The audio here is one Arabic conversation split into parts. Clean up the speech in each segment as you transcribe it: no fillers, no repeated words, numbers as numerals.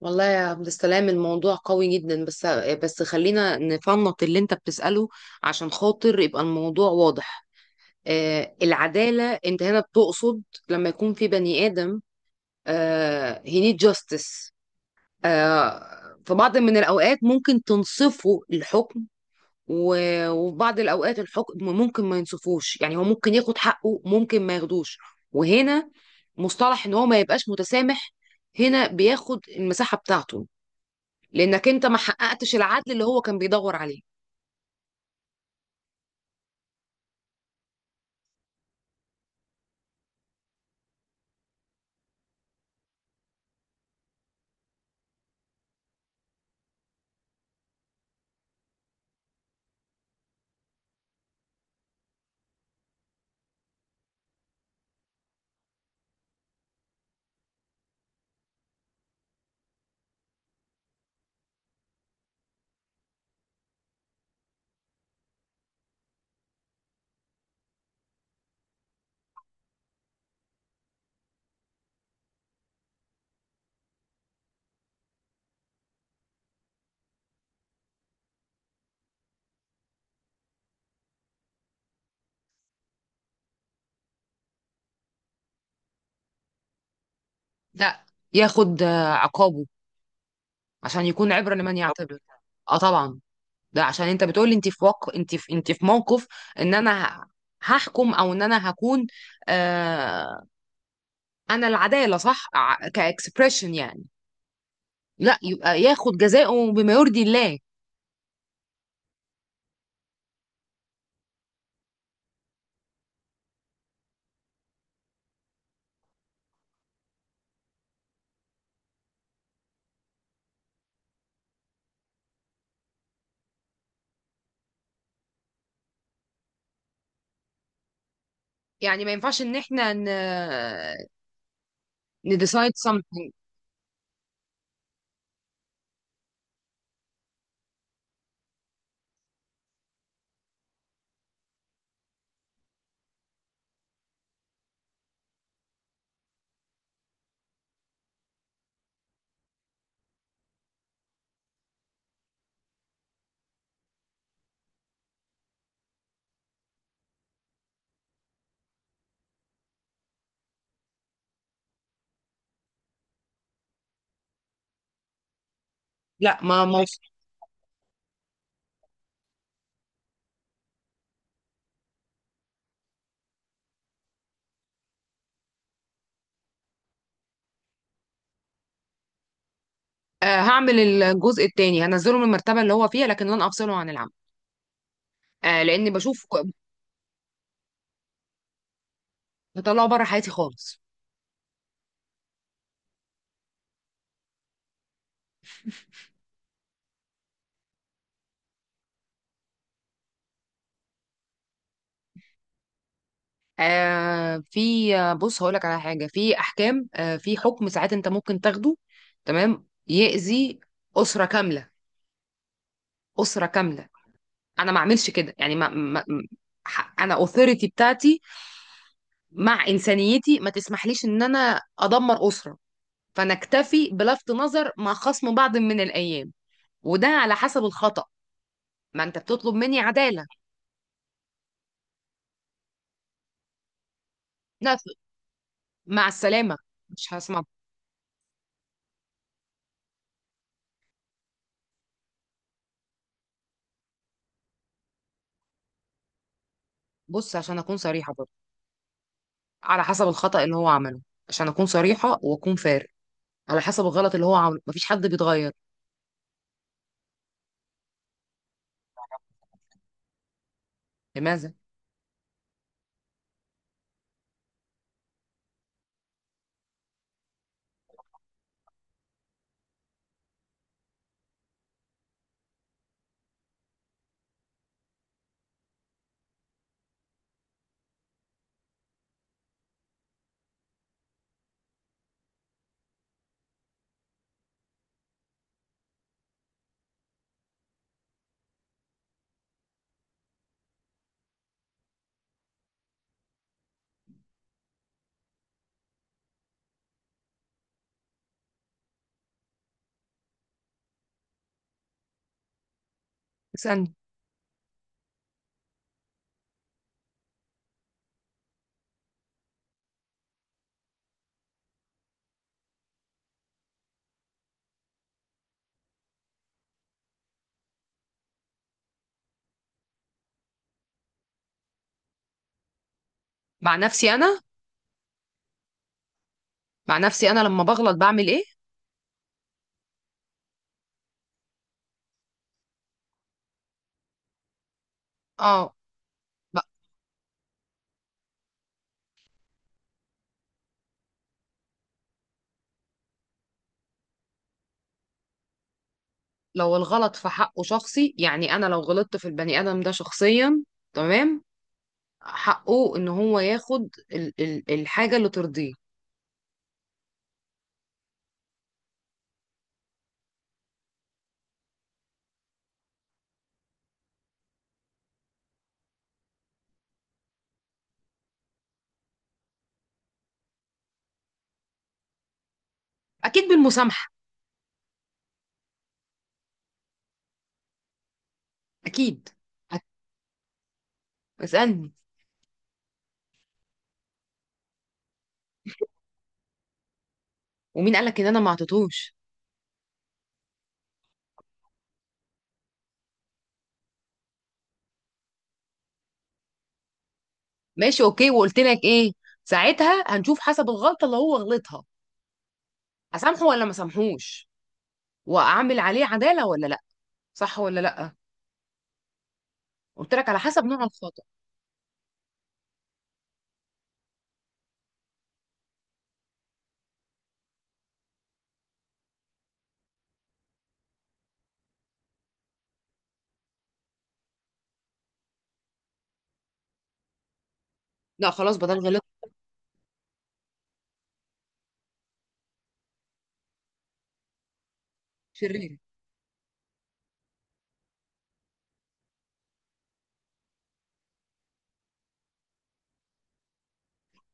والله يا عبد السلام، الموضوع قوي جدا. بس خلينا نفنط اللي انت بتسأله عشان خاطر يبقى الموضوع واضح. العدالة انت هنا بتقصد؟ لما يكون في بني آدم، he need justice. في بعض من الأوقات ممكن تنصفه الحكم، و- وفي بعض الأوقات الحكم ممكن ما ينصفوش، يعني هو ممكن ياخد حقه، ممكن ما ياخدوش. وهنا مصطلح ان هو ما يبقاش متسامح هنا بياخد المساحة بتاعته، لانك انت ما حققتش العدل اللي هو كان بيدور عليه. ده ياخد عقابه عشان يكون عبرة لمن يعتبر. اه، طبعا. ده عشان انت بتقولي انت في وق... انت في... انت في موقف ان انا هحكم، او ان انا هكون، آه... انا العدالة صح، كاكسبريشن، يعني. لا، يبقى ياخد جزاؤه بما يرضي الله. يعني ما ينفعش ان احنا نديسايد something. لا، ما ما آه، هعمل الجزء التاني، هنزله من المرتبة اللي هو فيها لكن لن افصله عن العمل. لان بشوف بطلعه بره حياتي خالص. آه في آه، بص هقول لك على حاجه. في احكام، في حكم، ساعات انت ممكن تاخده تمام يأذي اسره كامله، اسره كامله. انا ما اعملش كده، يعني انا اوثوريتي بتاعتي مع انسانيتي ما تسمحليش ان انا ادمر اسره. فنكتفي بلفت نظر مع خصم بعض من الايام، وده على حسب الخطأ. ما انت بتطلب مني عداله. لا، مع السلامه. مش هسمع. بص، عشان اكون صريحه برضه، على حسب الخطأ اللي هو عمله. عشان أكون صريحة وأكون فارق، على حسب الغلط اللي هو عمله، مفيش حد بيتغير. لماذا؟ اسألني. مع نفسي أنا مع نفسي أنا لما بغلط بعمل إيه؟ آه. ب- لو الغلط في حقه شخصي، يعني أنا لو غلطت في البني آدم ده شخصيا، تمام، حقه إن هو ياخد ال ال الحاجة اللي ترضيه. أكيد بالمسامحة، أكيد. أك- اسألني. ومين قالك إن أنا ما عطيتهوش؟ ماشي، أوكي. وقلت لك إيه؟ ساعتها هنشوف حسب الغلطة اللي هو غلطها، اسامحه ولا ما اسامحوش، واعمل عليه عداله ولا لا، صح ولا لا. قلت لك على حسب نوع الخطأ. لا خلاص، بدل غلط شرير.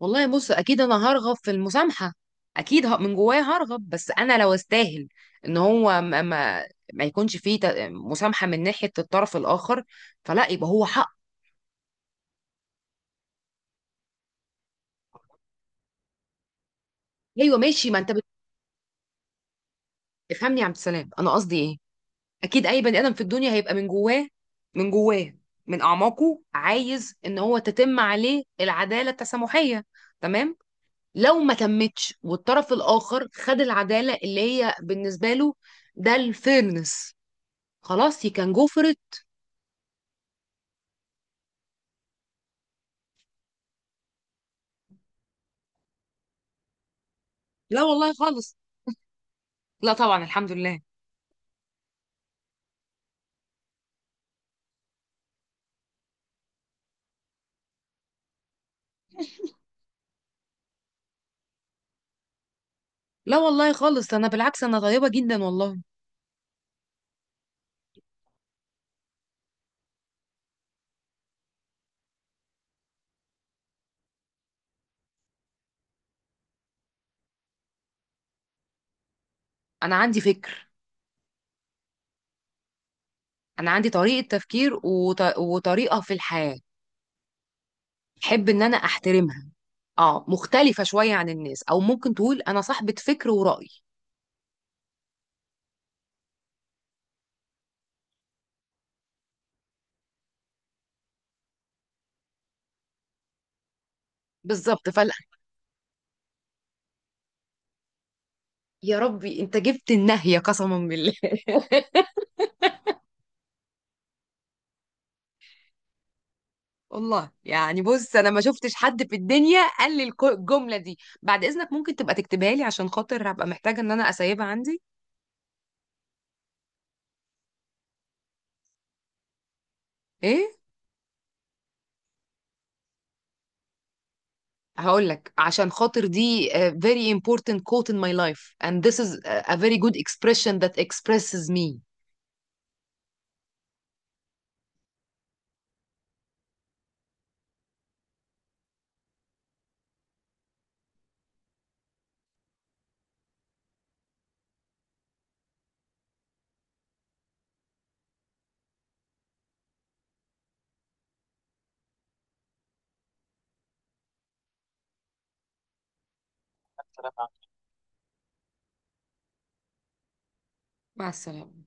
والله بص، اكيد انا هرغب في المسامحه، اكيد. من جوايا هرغب، بس انا لو استاهل ان هو ما يكونش فيه مسامحه من ناحيه الطرف الاخر، فلا يبقى هو حق. ايوه ماشي، ما انت بتفهمني يا عبد السلام، انا قصدي ايه. اكيد اي بني ادم في الدنيا هيبقى من جواه، من جواه، من اعماقه عايز ان هو تتم عليه العداله التسامحيه. تمام. لو ما تمتش والطرف الاخر خد العداله اللي هي بالنسبه له، ده الفيرنس، خلاص، هي كان جو فور ات. لا والله خالص. لا طبعا، الحمد لله. لا والله خالص، انا بالعكس، انا طيبه جدا والله. انا عندي فكر. انا عندي طريقه تفكير وطريقه في الحياه، احب ان انا احترمها. اه مختلفة شوية عن الناس، او ممكن تقول انا صاحبة فكر ورأي. بالظبط، فلا. يا ربي انت جبت النهية، قسما بالله. والله يعني، بص، انا ما شفتش حد في الدنيا قال لي الجملة دي. بعد اذنك ممكن تبقى تكتبها لي عشان خاطر هبقى محتاجة ان انا اسيبها عندي. ايه؟ هقول لك عشان خاطر دي very important quote in my life, and this is a very good expression that expresses me. مع السلامة.